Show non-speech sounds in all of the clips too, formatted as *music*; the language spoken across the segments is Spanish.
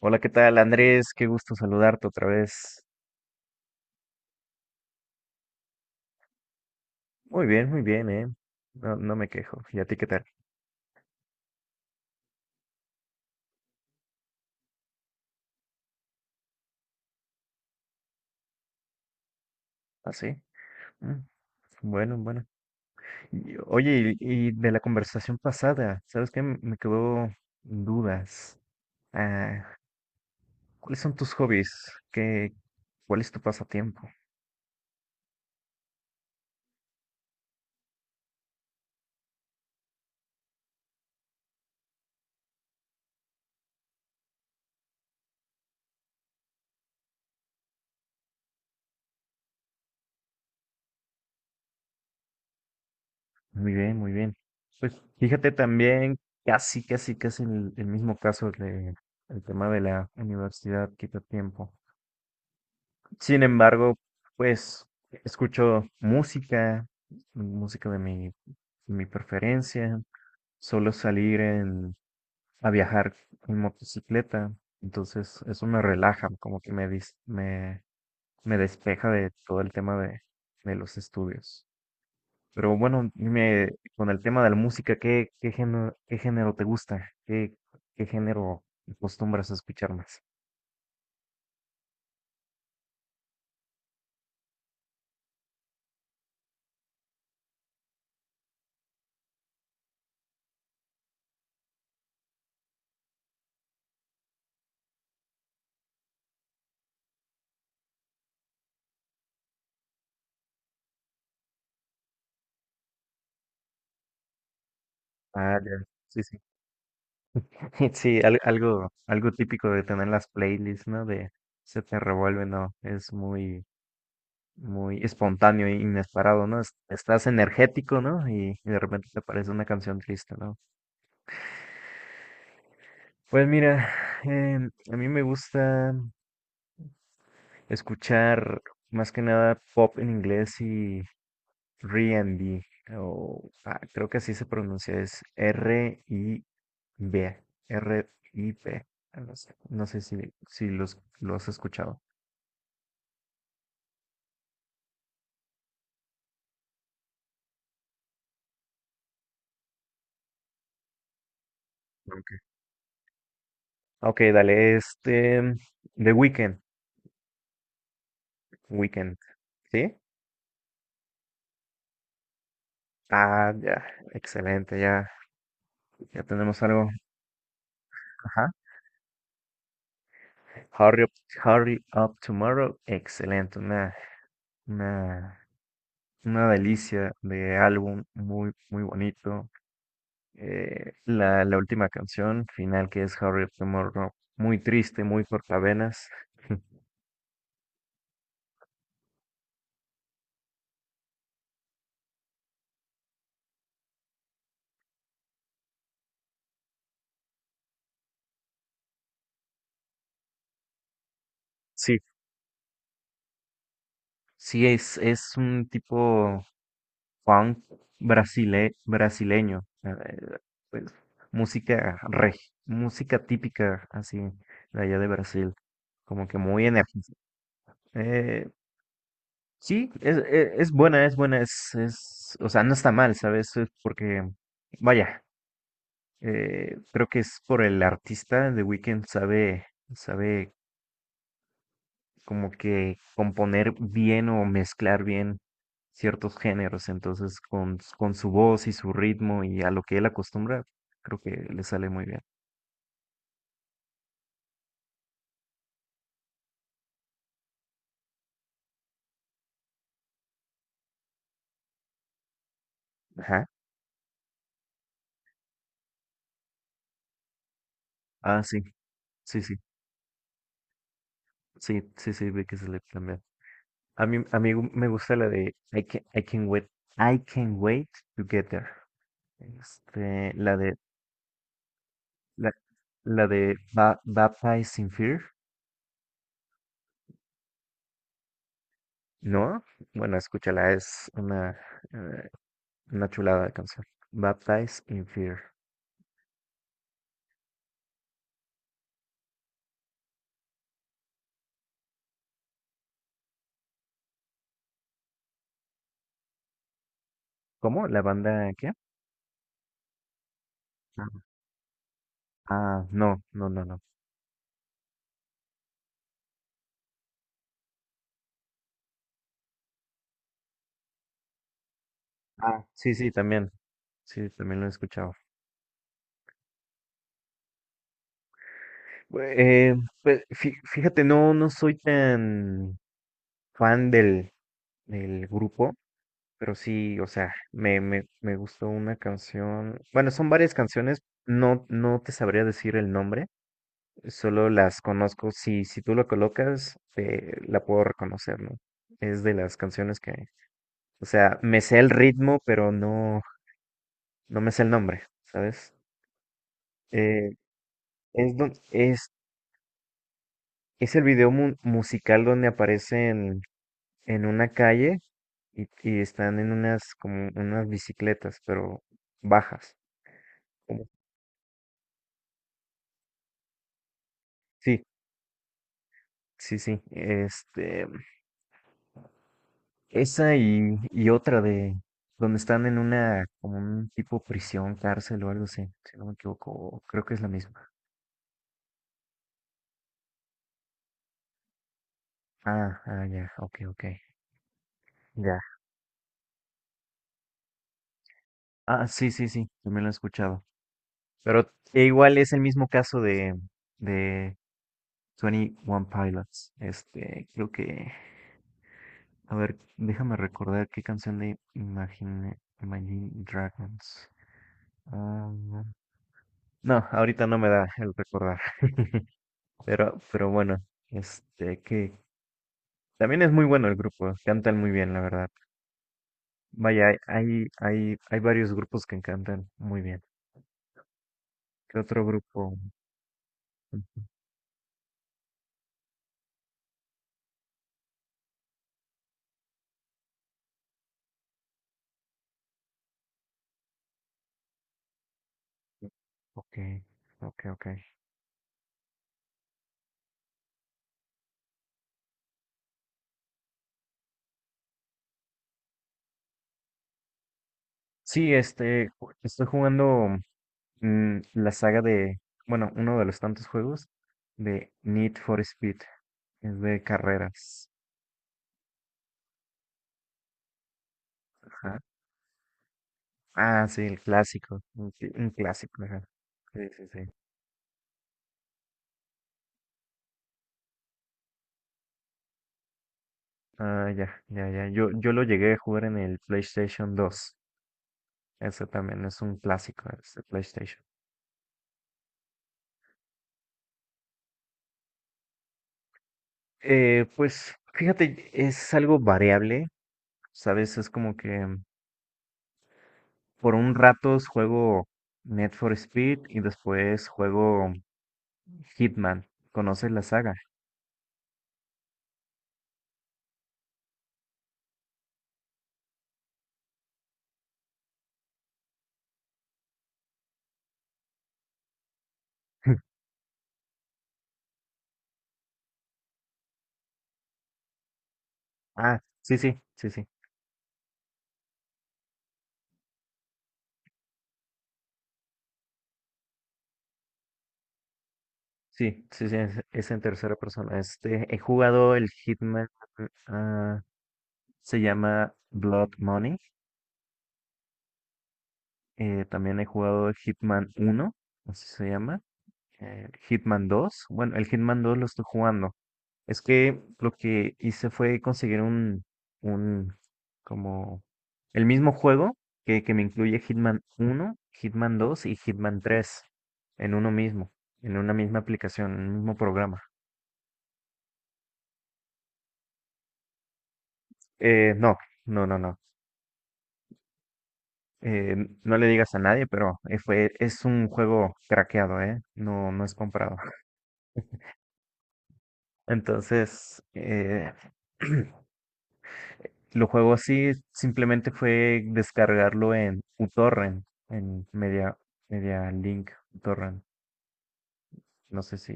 Hola, ¿qué tal, Andrés? Qué gusto saludarte otra vez. Muy bien, No, me quejo. ¿Y a ti qué tal? ¿Ah, sí? Mm, Bueno, bueno. Oye, y de la conversación pasada, ¿sabes qué? Me quedó dudas. Ah, ¿Cuáles son tus hobbies? ¿Cuál es tu pasatiempo? Muy bien, muy bien. Pues fíjate también, casi, casi, casi el mismo caso de el tema de la universidad quita tiempo. Sin embargo, pues escucho música, música de mi preferencia. Solo salir en, a viajar en motocicleta. Entonces, eso me relaja, como que me, dis- me despeja de todo el tema de los estudios. Pero bueno, dime, con el tema de la música, qué género ¿qué género te gusta? ¿Qué género acostumbras a escuchar más? Ah, ya. Sí, sí. *laughs* Sí, algo, algo típico de tener las playlists, ¿no? De se te revuelve, ¿no? Es muy, muy espontáneo e inesperado, ¿no? Estás energético, ¿no? Y de repente te aparece una canción triste, ¿no? Pues mira, a mí me gusta escuchar más que nada pop en inglés y R and B o ah, creo que así se pronuncia, es R-I-B, R-I-B. No sé, si los, lo has escuchado. Ok, dale, este, The Weeknd, Weekend, ¿sí? Ah, ya, excelente, ya, ya tenemos algo, ajá. Hurry up, Hurry Up Tomorrow, excelente, una, una delicia de álbum, muy, muy bonito. La última canción final que es Hurry Up Tomorrow, muy triste, muy cortavenas. Sí, sí, es un tipo funk brasileño, pues, música reg- música típica así de allá de Brasil, como que muy enérgica. Eh, sí, es buena, es buena, es, o sea, no está mal, ¿sabes? Es porque, vaya, creo que es por el artista, The Weeknd sabe, sabe como que componer bien o mezclar bien ciertos géneros. Entonces, con su voz y su ritmo y a lo que él acostumbra, creo que le sale muy bien. Ajá. Ah, sí, sí, sí, sí, sí, sí, vi que se le también. A mí, me gusta la de I can wait to get there. Este, la de, la, la de Baptized in Fear, ¿no? Bueno, escúchala, es eh, una chulada de canción. Baptized in Fear. ¿Cómo? ¿La banda qué? Ah, ah, no, no, no, no. Ah, sí, sí, también. Sí, también lo he escuchado. Bue- eh, pues fíjate, no, no soy tan fan del grupo, pero sí, o sea, me gustó una canción. Bueno, son varias canciones, no, no te sabría decir el nombre, solo las conozco. Si, si tú lo colocas, la puedo reconocer, ¿no? Es de las canciones que, o sea, me sé el ritmo, pero no, no me sé el nombre, ¿sabes? Eh, es, don- es, es el video musical donde aparecen en una calle y están en unas como unas bicicletas, pero bajas. como- Sí, sí, sí. Este, esa y otra de donde están en una como un tipo prisión, cárcel o algo así, si no me equivoco, o creo que es la misma. Ah, ah, ya, ok, ok, ya. Ah, sí, sí, sí, también lo he escuchado. Pero e igual es el mismo caso de 21 Pilots. Este, creo que. A ver, déjame recordar qué canción de Imagine, Imagine Dragons. Ah, no, No, ahorita no me da el recordar. *laughs* Pero bueno, este, que también es muy bueno el grupo. Cantan muy bien, la verdad. Vaya, hay, varios grupos que cantan muy bien. ¿Qué otro grupo? Ok, ok, ok. Sí, este, estoy jugando la saga de, bueno, uno de los tantos juegos de Need for Speed, es de carreras. Ajá. Ah, sí, el clásico, un clásico, ajá. Sí, sí, sí. Ah, ya, ya, ya. Yo lo llegué a jugar en el PlayStation dos. Ese también es un clásico, ese PlayStation. Pues fíjate, es algo variable, ¿sabes? Es como que por un rato juego Need for Speed y después juego Hitman. ¿Conoces la saga? *laughs* Ah, sí, sí, sí, sí, sí, sí, sí, es en tercera persona. Este, he jugado el Hitman, ah, se llama Blood Money. También he jugado el Hitman uno, así se llama. Hitman dos. Bueno, el Hitman dos lo estoy jugando. Es que lo que hice fue conseguir un, como, el mismo juego que me incluye Hitman uno, Hitman dos y Hitman tres en uno mismo, en una misma aplicación, en un mismo programa. Eh, no, no, no, no. Eh, no le digas a nadie, pero es un juego craqueado, ¿eh? No, no es comprado. *laughs* Entonces, lo juego así, simplemente fue descargarlo en uTorrent, en Media, Media Link uTorrent. No sé si...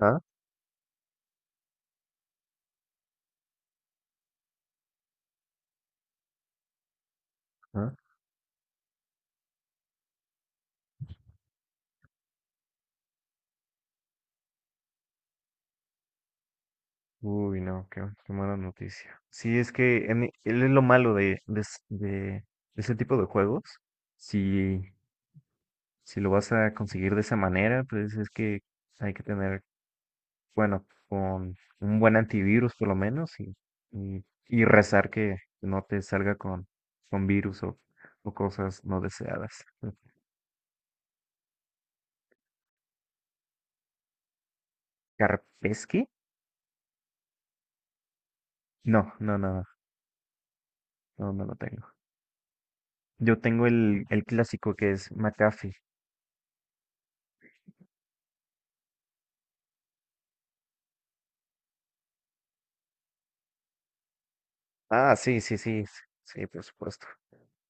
¿Ah? ¿Ah? Uy, no, qué, qué mala noticia. Sí, es que él es lo malo de ese tipo de juegos. Si si lo vas a conseguir de esa manera, pues es que hay que tener, bueno, con un buen antivirus por lo menos y rezar que no te salga con virus o cosas no deseadas. ¿Kaspersky? No, no, no, no, no lo tengo. Yo tengo el clásico que es McAfee. Ah, sí, sí, sí, sí, por supuesto.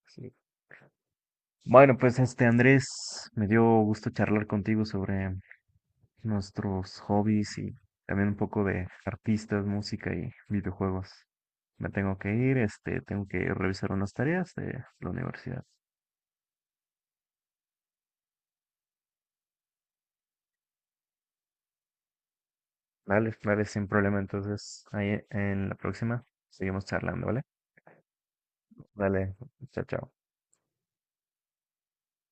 Sí. Bueno, pues este Andrés, me dio gusto charlar contigo sobre nuestros hobbies y también un poco de artistas, música y videojuegos. Me tengo que ir, este, tengo que revisar unas tareas de la universidad. Dale, dale, sin problema. Entonces, ahí en la próxima seguimos charlando, ¿vale? Dale, chao, chao.